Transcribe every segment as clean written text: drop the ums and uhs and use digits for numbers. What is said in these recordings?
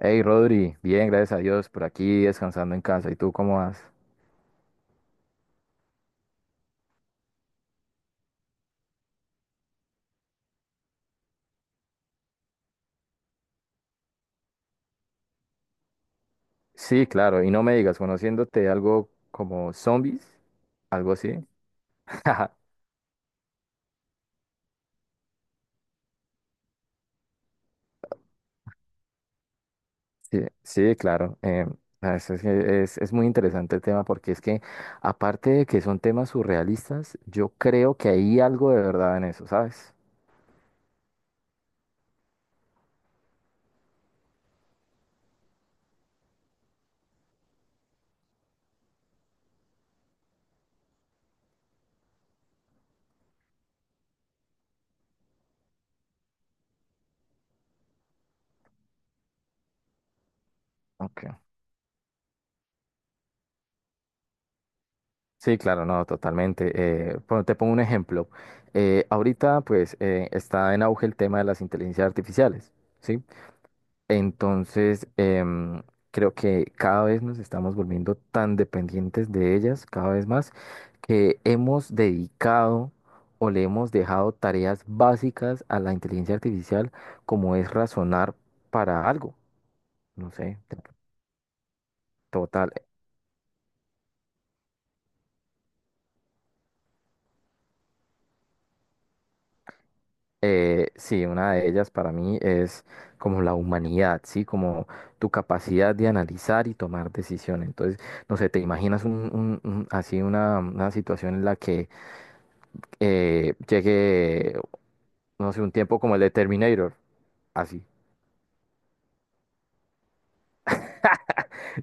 Hey Rodri, bien, gracias a Dios, por aquí descansando en casa. ¿Y tú cómo vas? Sí, claro, y no me digas, conociéndote algo como zombies, algo así. Sí, sí, claro. Es muy interesante el tema porque es que, aparte de que son temas surrealistas, yo creo que hay algo de verdad en eso, ¿sabes? Ok. Sí, claro, no, totalmente. Bueno, te pongo un ejemplo. Ahorita, pues, está en auge el tema de las inteligencias artificiales. ¿Sí? Entonces, creo que cada vez nos estamos volviendo tan dependientes de ellas, cada vez más, que hemos dedicado o le hemos dejado tareas básicas a la inteligencia artificial, como es razonar para algo. No sé, total. Sí, una de ellas para mí es como la humanidad, ¿sí? Como tu capacidad de analizar y tomar decisiones. Entonces, no sé, te imaginas así una situación en la que llegue, no sé, un tiempo como el de Terminator. Así.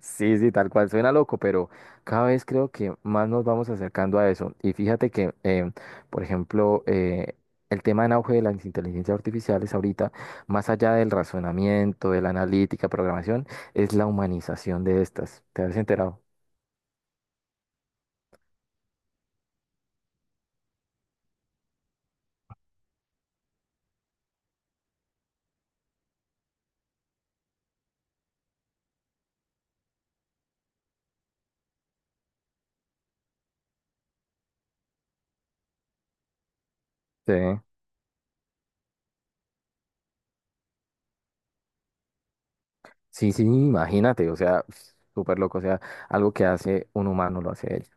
Sí, sí, tal cual. Suena loco, pero cada vez creo que más nos vamos acercando a eso. Y fíjate que, por ejemplo, el tema en auge de las inteligencias artificiales ahorita, más allá del razonamiento, de la analítica, programación, es la humanización de estas. ¿Te has enterado? Sí. Sí, sí, imagínate, o sea, súper loco, o sea, algo que hace un humano lo hace ella.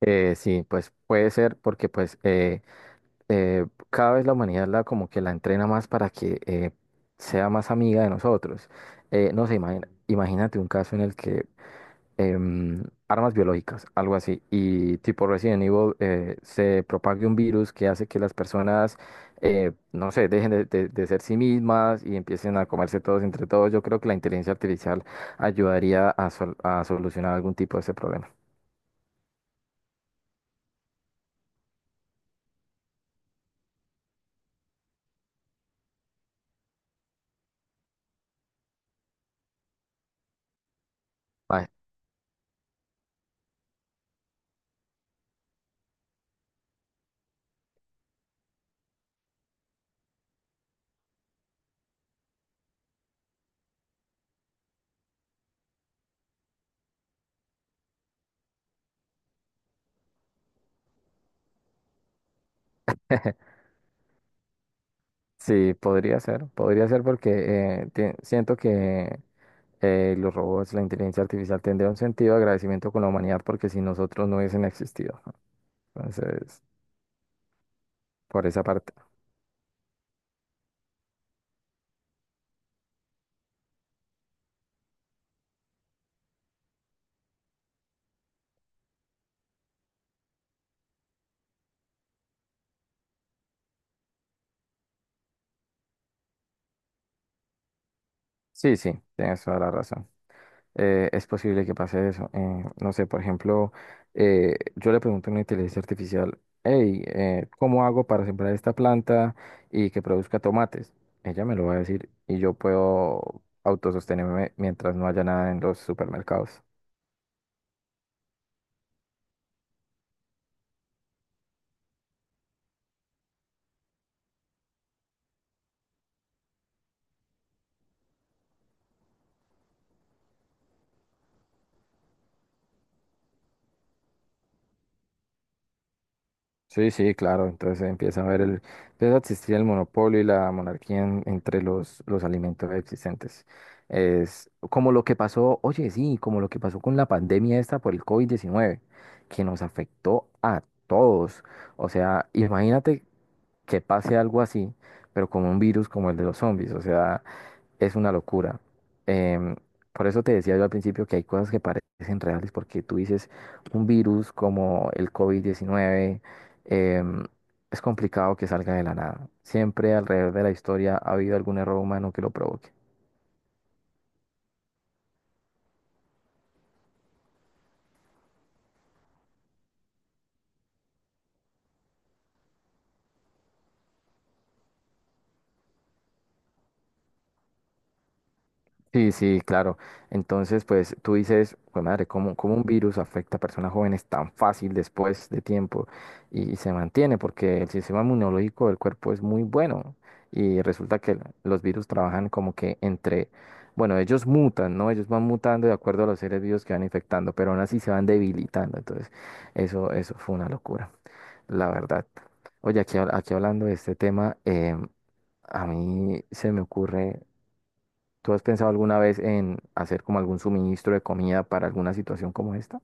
Sí, pues puede ser porque pues cada vez la humanidad la como que la entrena más para que sea más amiga de nosotros. No sé, imagínate un caso en el que armas biológicas, algo así, y tipo Resident Evil se propague un virus que hace que las personas, no sé, dejen de ser sí mismas y empiecen a comerse todos entre todos. Yo creo que la inteligencia artificial ayudaría a solucionar algún tipo de ese problema. Ay, sí, podría ser porque, siento que los robots, la inteligencia artificial tendría un sentido de agradecimiento con la humanidad porque si nosotros no hubiesen existido. ¿No? Entonces, por esa parte, sí, sí, tienes toda la razón. Es posible que pase eso. No sé, por ejemplo, yo le pregunto a una inteligencia artificial, hey, ¿cómo hago para sembrar esta planta y que produzca tomates? Ella me lo va a decir y yo puedo autosostenerme mientras no haya nada en los supermercados. Sí, sí, claro. Entonces empieza a existir el monopolio y la monarquía entre los alimentos existentes. Es como lo que pasó, oye, sí, como lo que pasó con la pandemia esta por el COVID-19 que nos afectó a todos. O sea, imagínate que pase algo así, pero como un virus como el de los zombies. O sea, es una locura. Em, por eso te decía yo al principio que hay cosas que parecen reales, porque tú dices, un virus como el COVID-19 em, es complicado que salga de la nada. Siempre alrededor de la historia ha habido algún error humano que lo provoque. Sí, sí, claro. Entonces, pues tú dices, pues madre, ¿cómo un virus afecta a personas jóvenes tan fácil después de tiempo y, se mantiene? Porque el sistema inmunológico del cuerpo es muy bueno y resulta que los virus trabajan como que bueno, ellos mutan, ¿no? Ellos van mutando de acuerdo a los seres vivos que van infectando, pero aún así se van debilitando. Entonces, eso fue una locura, la verdad. Oye, aquí hablando de este tema, a mí se me ocurre, ¿tú has pensado alguna vez en hacer como algún suministro de comida para alguna situación como esta?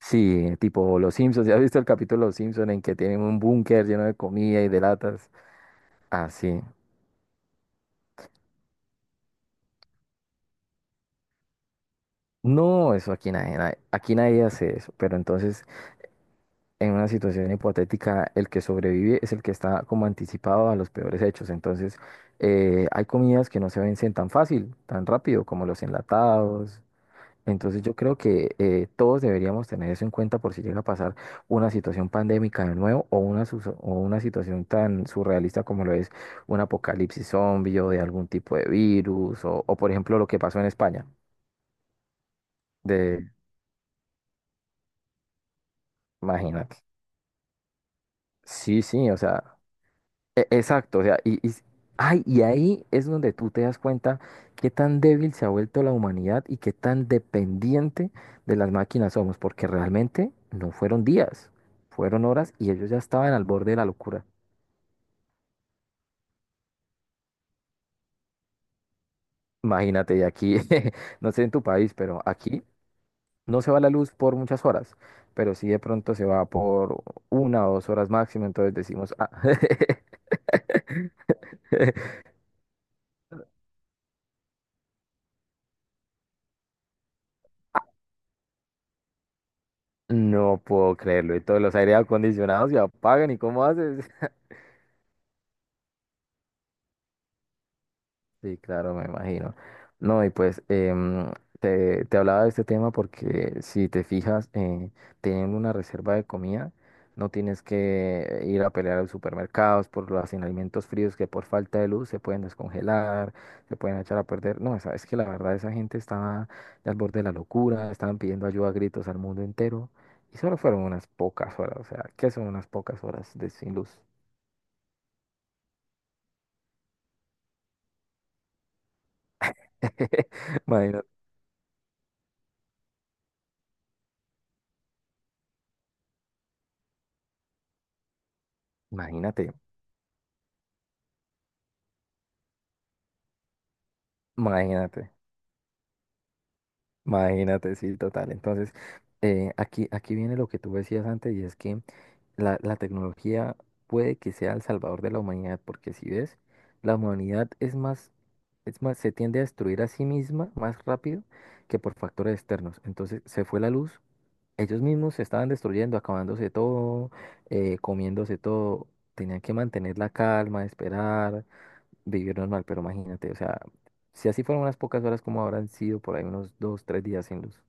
Sí, tipo Los Simpsons. ¿Ya has visto el capítulo de Los Simpsons en que tienen un búnker lleno de comida y de latas? Así. No, eso aquí aquí nadie hace eso. Pero entonces, en una situación hipotética, el que sobrevive es el que está como anticipado a los peores hechos. Entonces, hay comidas que no se vencen tan fácil, tan rápido, como los enlatados. Entonces yo creo que todos deberíamos tener eso en cuenta por si llega a pasar una situación pandémica de nuevo o o una situación tan surrealista como lo es un apocalipsis zombie o de algún tipo de virus o por ejemplo lo que pasó en España. De, Imagínate. Sí, sí, o sea. Exacto, o sea, ay, y ahí es donde tú te das cuenta qué tan débil se ha vuelto la humanidad y qué tan dependiente de las máquinas somos, porque realmente no fueron días, fueron horas y ellos ya estaban al borde de la locura. Imagínate, y aquí, no sé en tu país, pero aquí no se va la luz por muchas horas, pero sí de pronto se va por 1 o 2 horas máximo, entonces decimos, ah, no puedo creerlo, y todos los aire acondicionados se apagan, ¿y cómo haces? Sí, claro, me imagino. No, y pues te hablaba de este tema porque si te fijas, teniendo una reserva de comida, no tienes que ir a pelear a los supermercados por los alimentos fríos que por falta de luz se pueden descongelar, se pueden echar a perder. No, es que la verdad esa gente estaba al borde de la locura, estaban pidiendo ayuda a gritos al mundo entero y solo fueron unas pocas horas, o sea, ¿qué son unas pocas horas de sin luz? Imagínate, imagínate. Imagínate. Imagínate, sí, total. Entonces, aquí viene lo que tú decías antes y es que la tecnología puede que sea el salvador de la humanidad, porque si ves, la humanidad es más, se tiende a destruir a sí misma más rápido que por factores externos. Entonces, se fue la luz, ellos mismos se estaban destruyendo, acabándose todo, comiéndose todo. Tenían que mantener la calma, esperar vivir normal, pero imagínate, o sea, si así fueron unas pocas horas, ¿como habrán sido por ahí unos 2, 3 días sin luz?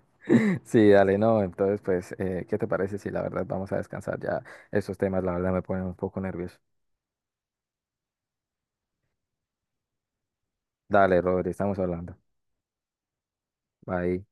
Sí, dale, no, entonces pues, ¿qué te parece si la verdad vamos a descansar ya? Estos temas, la verdad, me ponen un poco nervioso. Dale, Rodri, estamos hablando. Bye.